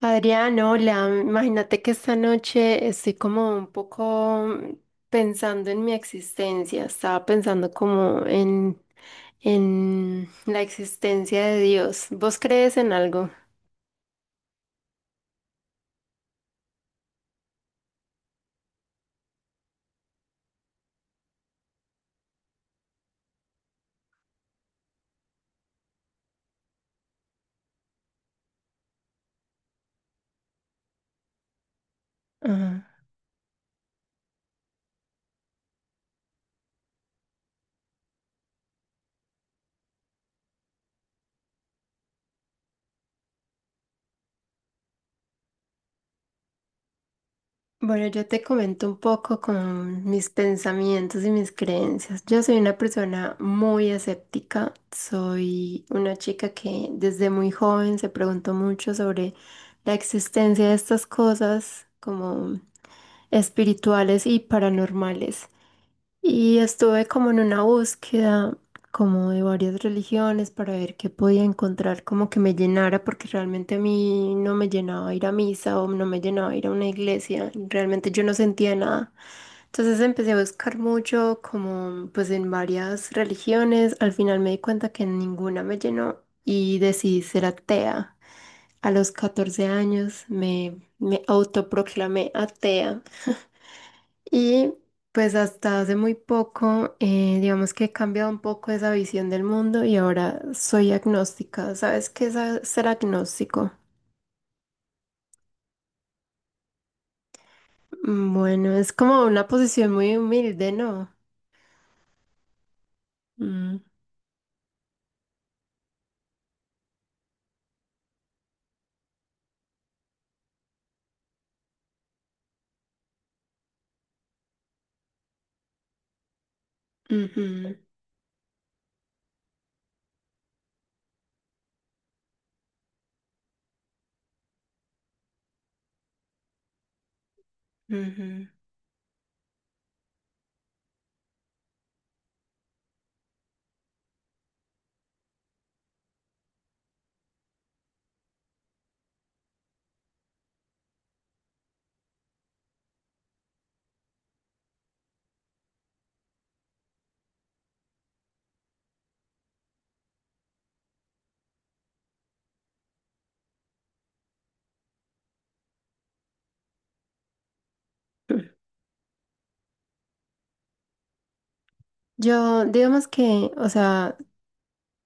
Adrián, hola. Imagínate que esta noche estoy como un poco pensando en mi existencia. Estaba pensando como en la existencia de Dios. ¿Vos crees en algo? Ajá. Bueno, yo te comento un poco con mis pensamientos y mis creencias. Yo soy una persona muy escéptica, soy una chica que desde muy joven se preguntó mucho sobre la existencia de estas cosas como espirituales y paranormales. Y estuve como en una búsqueda como de varias religiones para ver qué podía encontrar como que me llenara, porque realmente a mí no me llenaba ir a misa o no me llenaba ir a una iglesia, realmente yo no sentía nada. Entonces empecé a buscar mucho como pues en varias religiones, al final me di cuenta que ninguna me llenó y decidí ser atea. A los 14 años me autoproclamé atea. Y pues hasta hace muy poco, digamos que he cambiado un poco esa visión del mundo y ahora soy agnóstica. ¿Sabes qué es ser agnóstico? Mm, bueno, es como una posición muy humilde, ¿no? Mm, ujú, ujú. Yo, digamos que, o sea,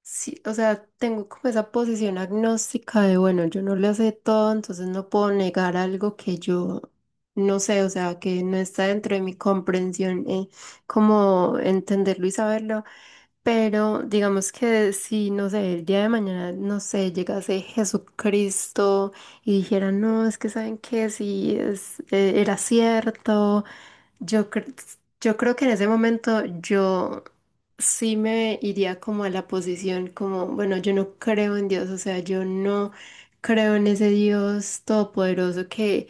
sí, o sea, tengo como esa posición agnóstica de, bueno, yo no lo sé todo, entonces no puedo negar algo que yo no sé, o sea, que no está dentro de mi comprensión, como entenderlo y saberlo, pero digamos que si, no sé, el día de mañana, no sé, llegase Jesucristo y dijera, no, es que saben que si es, era cierto. Yo, yo creo que en ese momento yo sí me iría como a la posición como, bueno, yo no creo en Dios, o sea, yo no creo en ese Dios todopoderoso que,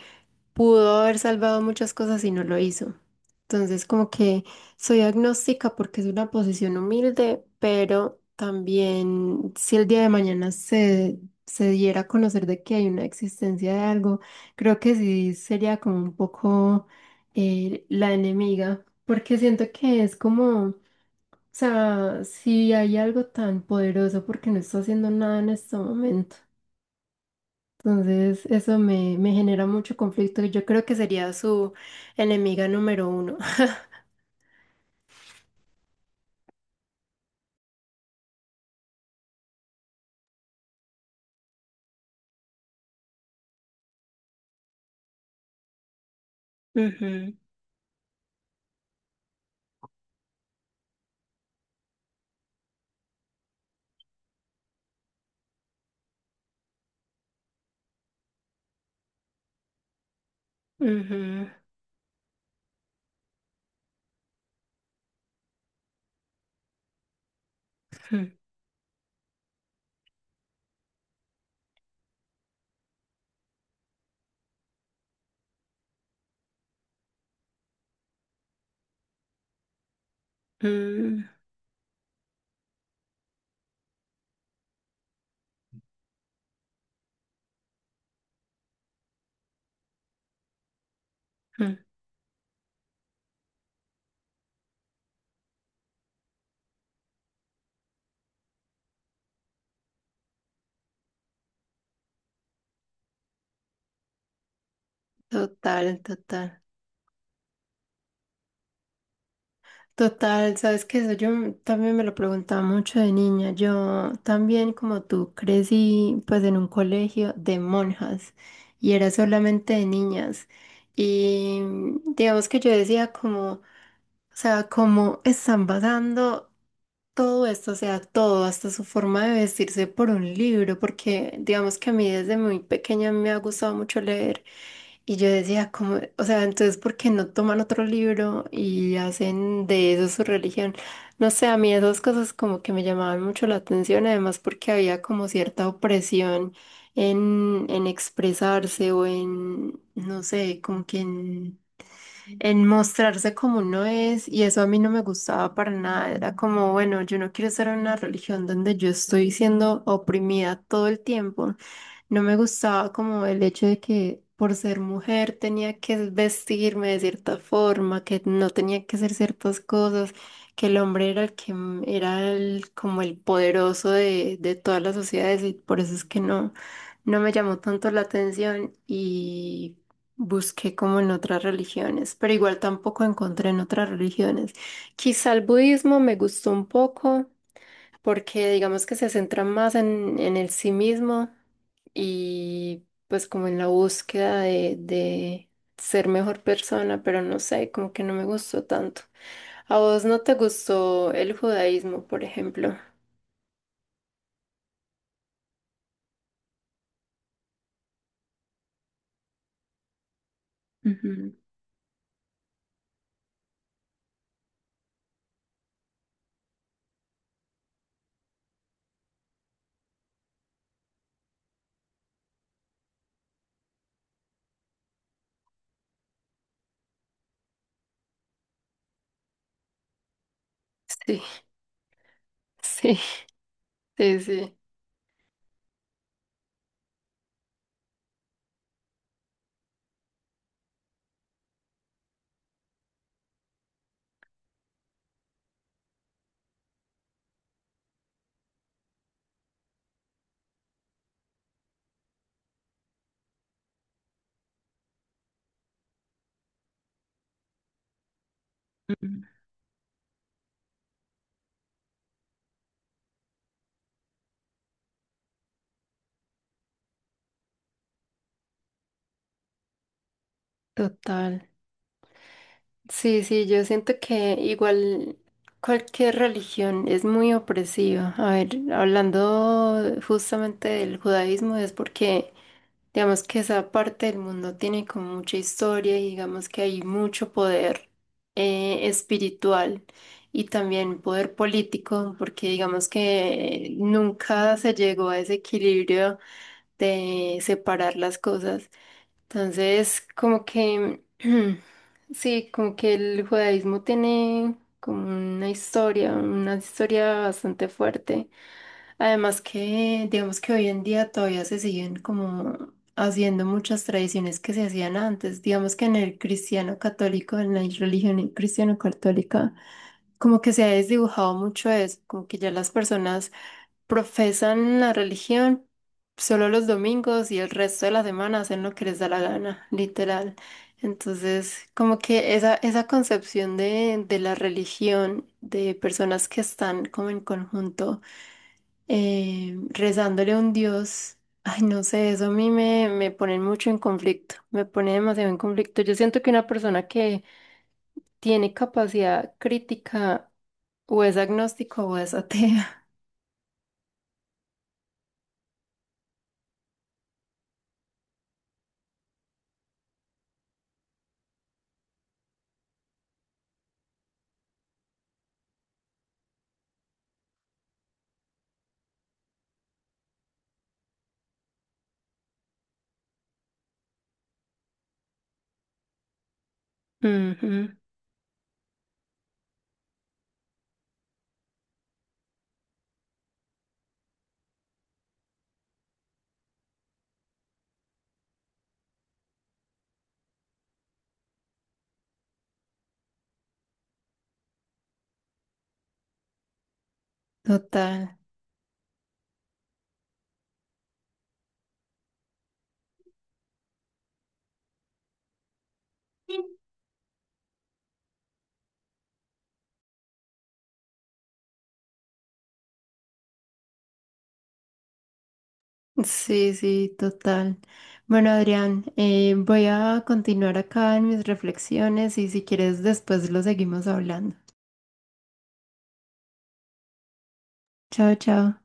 pudo haber salvado muchas cosas y no lo hizo. Entonces, como que soy agnóstica porque es una posición humilde, pero también si el día de mañana se diera a conocer de que hay una existencia de algo, creo que sí sería como un poco la enemiga, porque siento que es como, o sea, si hay algo tan poderoso, ¿porque no está haciendo nada en este momento? Entonces, eso me genera mucho conflicto y yo creo que sería su enemiga número uno. Ujú, ujú, ujú, ujú. Total, total. Total, sabes que eso yo también me lo preguntaba mucho de niña. Yo también, como tú, crecí pues en un colegio de monjas y era solamente de niñas. Y mm, digamos que yo decía como, o sea, ¿cómo están basando todo esto? O sea, todo, hasta su forma de vestirse por un libro, porque digamos que a mí desde muy pequeña me ha gustado mucho leer y yo decía como, o sea, entonces, ¿por qué no toman otro libro y hacen de eso su religión? No sé, a mí esas cosas como que me llamaban mucho la atención, además porque había como cierta opresión en expresarse o en, no sé, como que en mostrarse como uno es, y eso a mí no me gustaba para nada. Era como, bueno, yo no quiero estar en una religión donde yo estoy siendo oprimida todo el tiempo. No me gustaba como el hecho de que por ser mujer tenía que vestirme de cierta forma, que no tenía que hacer ciertas cosas, que el hombre era el era el, como el poderoso de todas las sociedades y por eso es que no, no me llamó tanto la atención y busqué como en otras religiones, pero igual tampoco encontré en otras religiones. Quizá el budismo me gustó un poco porque digamos que se centra más en el sí mismo y pues como en la búsqueda de ser mejor persona, pero no sé, como que no me gustó tanto. ¿A vos no te gustó el judaísmo, por ejemplo? Ujú. Sí, sí, sí, sí, total. Sí, sí, yo siento que igual cualquier religión es muy opresiva. A ver, hablando justamente del judaísmo, es porque digamos que esa parte del mundo tiene como mucha historia y digamos que hay mucho poder espiritual y también poder político, porque digamos que nunca se llegó a ese equilibrio de separar las cosas. Entonces, como que, sí, como que el judaísmo tiene como una historia bastante fuerte. Además que, digamos que hoy en día todavía se siguen como haciendo muchas tradiciones que se hacían antes. Digamos que en el cristiano católico, en la religión cristiano católica, como que se ha desdibujado mucho eso, como que ya las personas profesan la religión solo los domingos y el resto de la semana hacen lo que les da la gana, literal. Entonces, como que esa concepción de la religión, de personas que están como en conjunto rezándole a un Dios. Ay, no sé, eso a mí me pone mucho en conflicto, me pone demasiado en conflicto. Yo siento que una persona que tiene capacidad crítica o es agnóstico o es atea. Ujú, total. Sí, sí, total. Bueno, Adrián, voy a continuar acá en mis reflexiones y si quieres después lo seguimos hablando. Chao, chao.